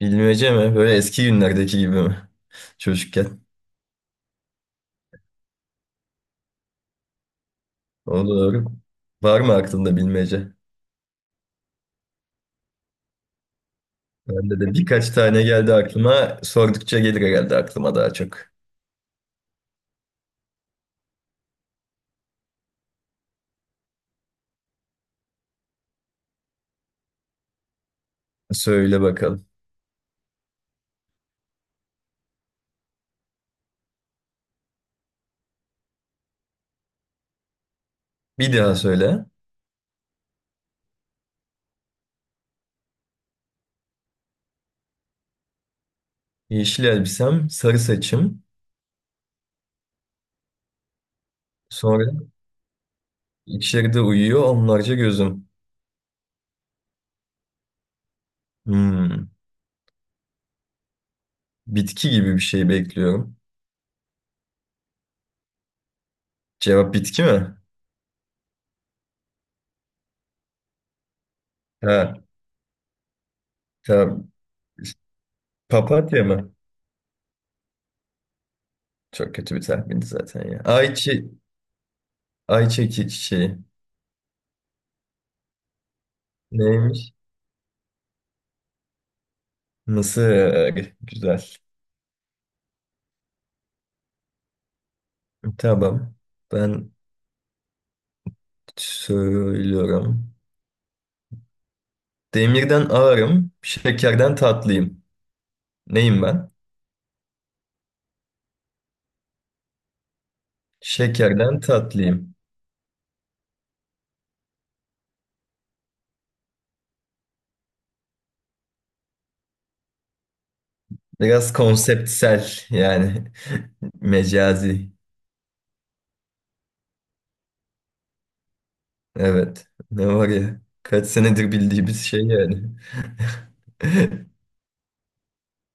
Bilmece mi? Böyle eski günlerdeki gibi mi? Çocukken. Olur. Var mı aklında bilmece? Bende de birkaç tane geldi aklıma. Sordukça gelir herhalde aklıma daha çok. Söyle bakalım. Bir daha söyle. Yeşil elbisem, sarı saçım. Sonra içeride uyuyor onlarca gözüm. Hmm. Bitki gibi bir şey bekliyorum. Cevap bitki mi? Ha, tamam. Papatya mı? Çok kötü bir tahmindi zaten ya. Ayçi, ayçiçeği. Neymiş? Mısır. Güzel. Tamam. Ben söylüyorum. Demirden ağırım, şekerden tatlıyım. Neyim ben? Şekerden tatlıyım. Biraz konseptsel yani mecazi. Evet. Ne var ya? Kaç senedir bildiğimiz şey yani.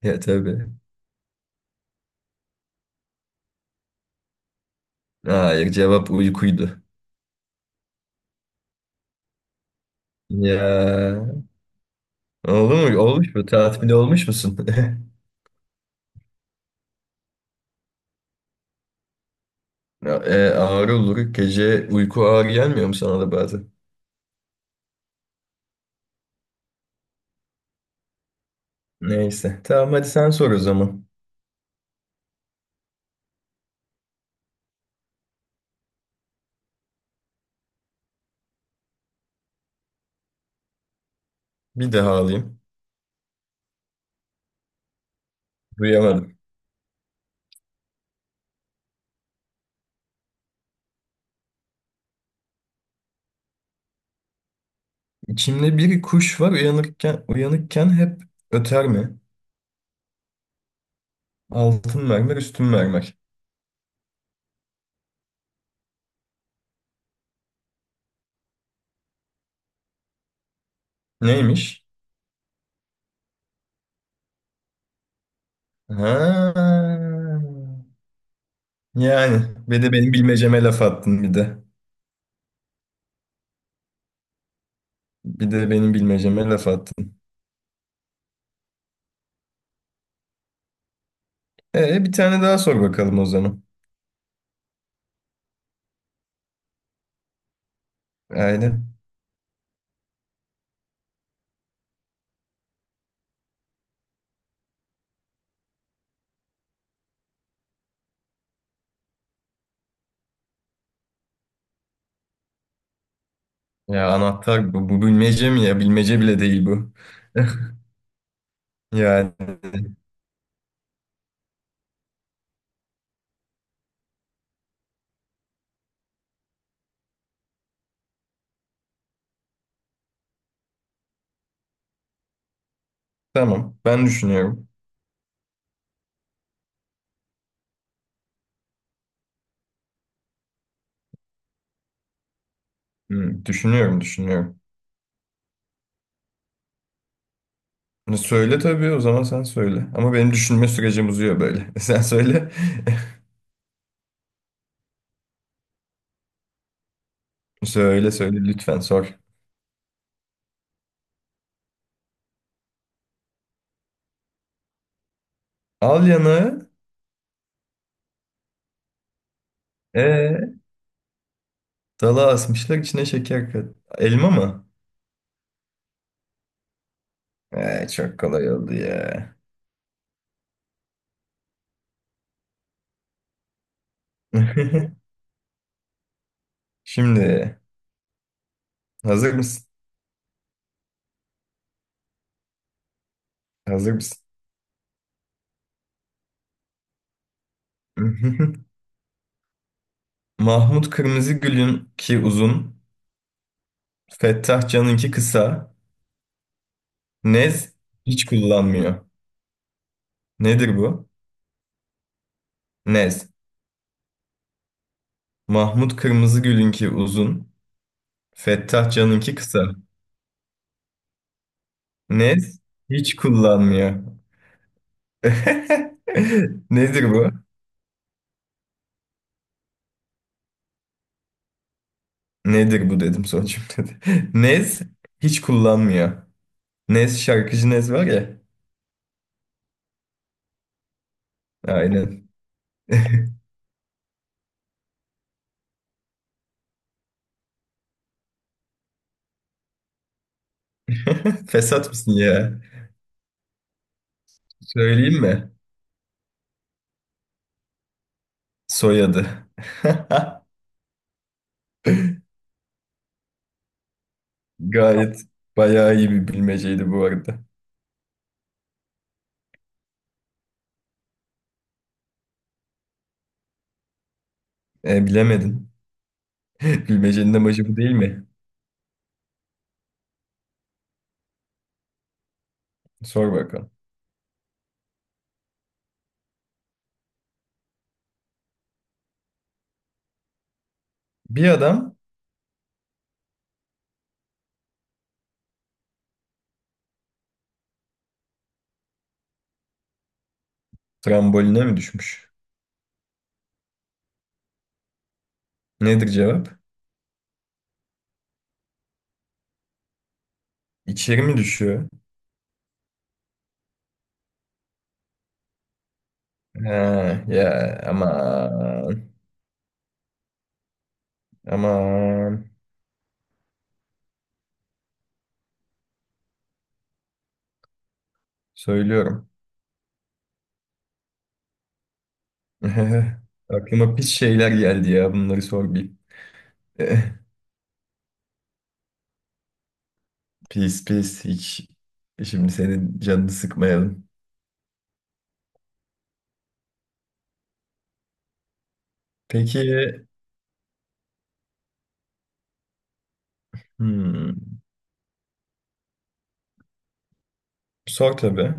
Ya tabii. Hayır, cevap uykuydu. Ya, oldu mu? Olmuş mu? Tatmin olmuş musun? Ya, ağrı olur. Gece uyku ağır gelmiyor mu sana da bazen? Neyse. Tamam, hadi sen sor o zaman. Bir daha alayım. Duyamadım. İçimde bir kuş var, uyanırken uyanıkken hep öter mi? Altın mermer, üstün mermer. Neymiş? Ha. Yani bir de benim bilmeceme laf attın bir de. Bir de benim bilmeceme laf attın. Bir tane daha sor bakalım o zaman. Aynen. Ya anahtar bu, bu bilmece mi ya? Bilmece bile değil bu. Yani. Tamam. Ben düşünüyorum. Hmm, düşünüyorum, düşünüyorum. Ne söyle tabii, o zaman sen söyle. Ama benim düşünme sürecim uzuyor böyle. Sen söyle. Söyle söyle, lütfen sor. Al yanağı. Ee, dala asmışlar içine şeker kat. Elma mı? Çok kolay oldu ya. Şimdi hazır mısın? Hazır mısın? Mahmut Kırmızıgül'ün ki uzun, Fettah Can'ınki kısa, Nez hiç kullanmıyor. Nedir bu? Nez. Mahmut Kırmızıgül'ünki uzun. Fettah Can'ınki kısa. Nez hiç kullanmıyor. Nedir bu? Nedir bu dedim son cümlede. Nez hiç kullanmıyor. Nez, şarkıcı Nez var ya. Aynen. Fesat mısın ya? Söyleyeyim mi? Soyadı. Gayet bayağı iyi bir bilmeceydi bu arada. Bilemedin. Bilmecenin amacı bu değil mi? Sor bakalım. Bir adam tramboline mi düşmüş? Nedir cevap? İçeri mi düşüyor? Ha, ya aman, aman söylüyorum. Aklıma pis şeyler geldi ya, bunları sor bir. Pis pis hiç, şimdi senin canını sıkmayalım. Peki, hmm, sor tabii.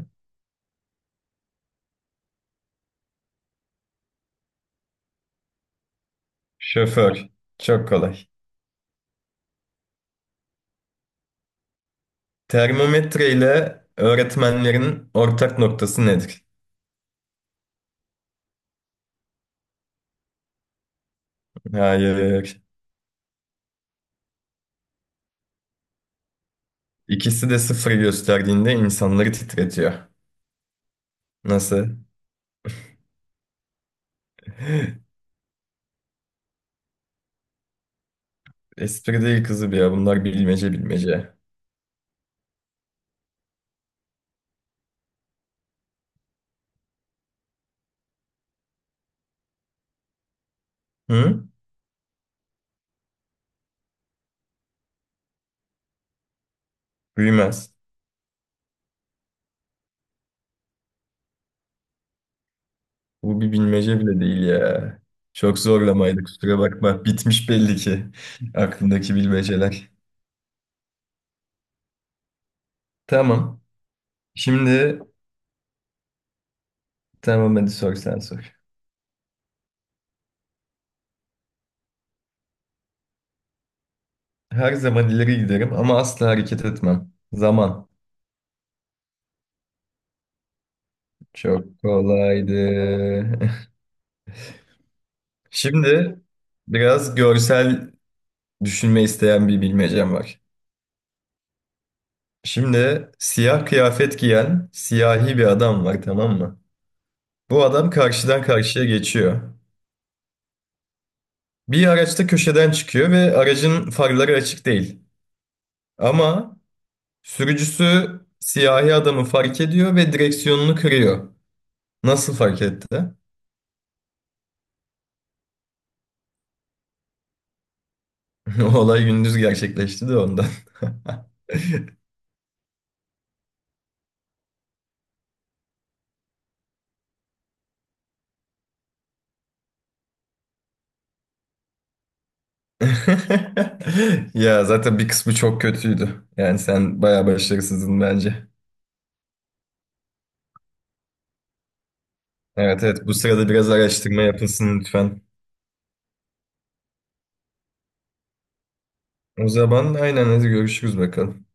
Şoför, çok kolay. Termometre ile öğretmenlerin ortak noktası nedir? Hayır. İkisi de sıfır gösterdiğinde insanları titretiyor. Nasıl? Espri değil kızı bir ya. Bunlar bilmece, bilmece. Hı? Büyümez. Bu bir bilmece bile değil ya. Çok zorlamaydı, kusura bakma. Bitmiş belli ki aklındaki bilmeceler. Tamam. Şimdi tamam, hadi sor, sen sor. Her zaman ileri giderim ama asla hareket etmem. Zaman. Çok kolaydı. Şimdi biraz görsel düşünme isteyen bir bilmecem var. Şimdi siyah kıyafet giyen siyahi bir adam var, tamam mı? Bu adam karşıdan karşıya geçiyor. Bir araçta köşeden çıkıyor ve aracın farları açık değil. Ama sürücüsü siyahi adamı fark ediyor ve direksiyonunu kırıyor. Nasıl fark etti? O olay gündüz gerçekleşti de ondan. Ya zaten bir kısmı çok kötüydü. Yani sen bayağı başarısızdın bence. Evet, evet, bu sırada biraz araştırma yapılsın lütfen. O zaman aynen, hadi görüşürüz bakalım.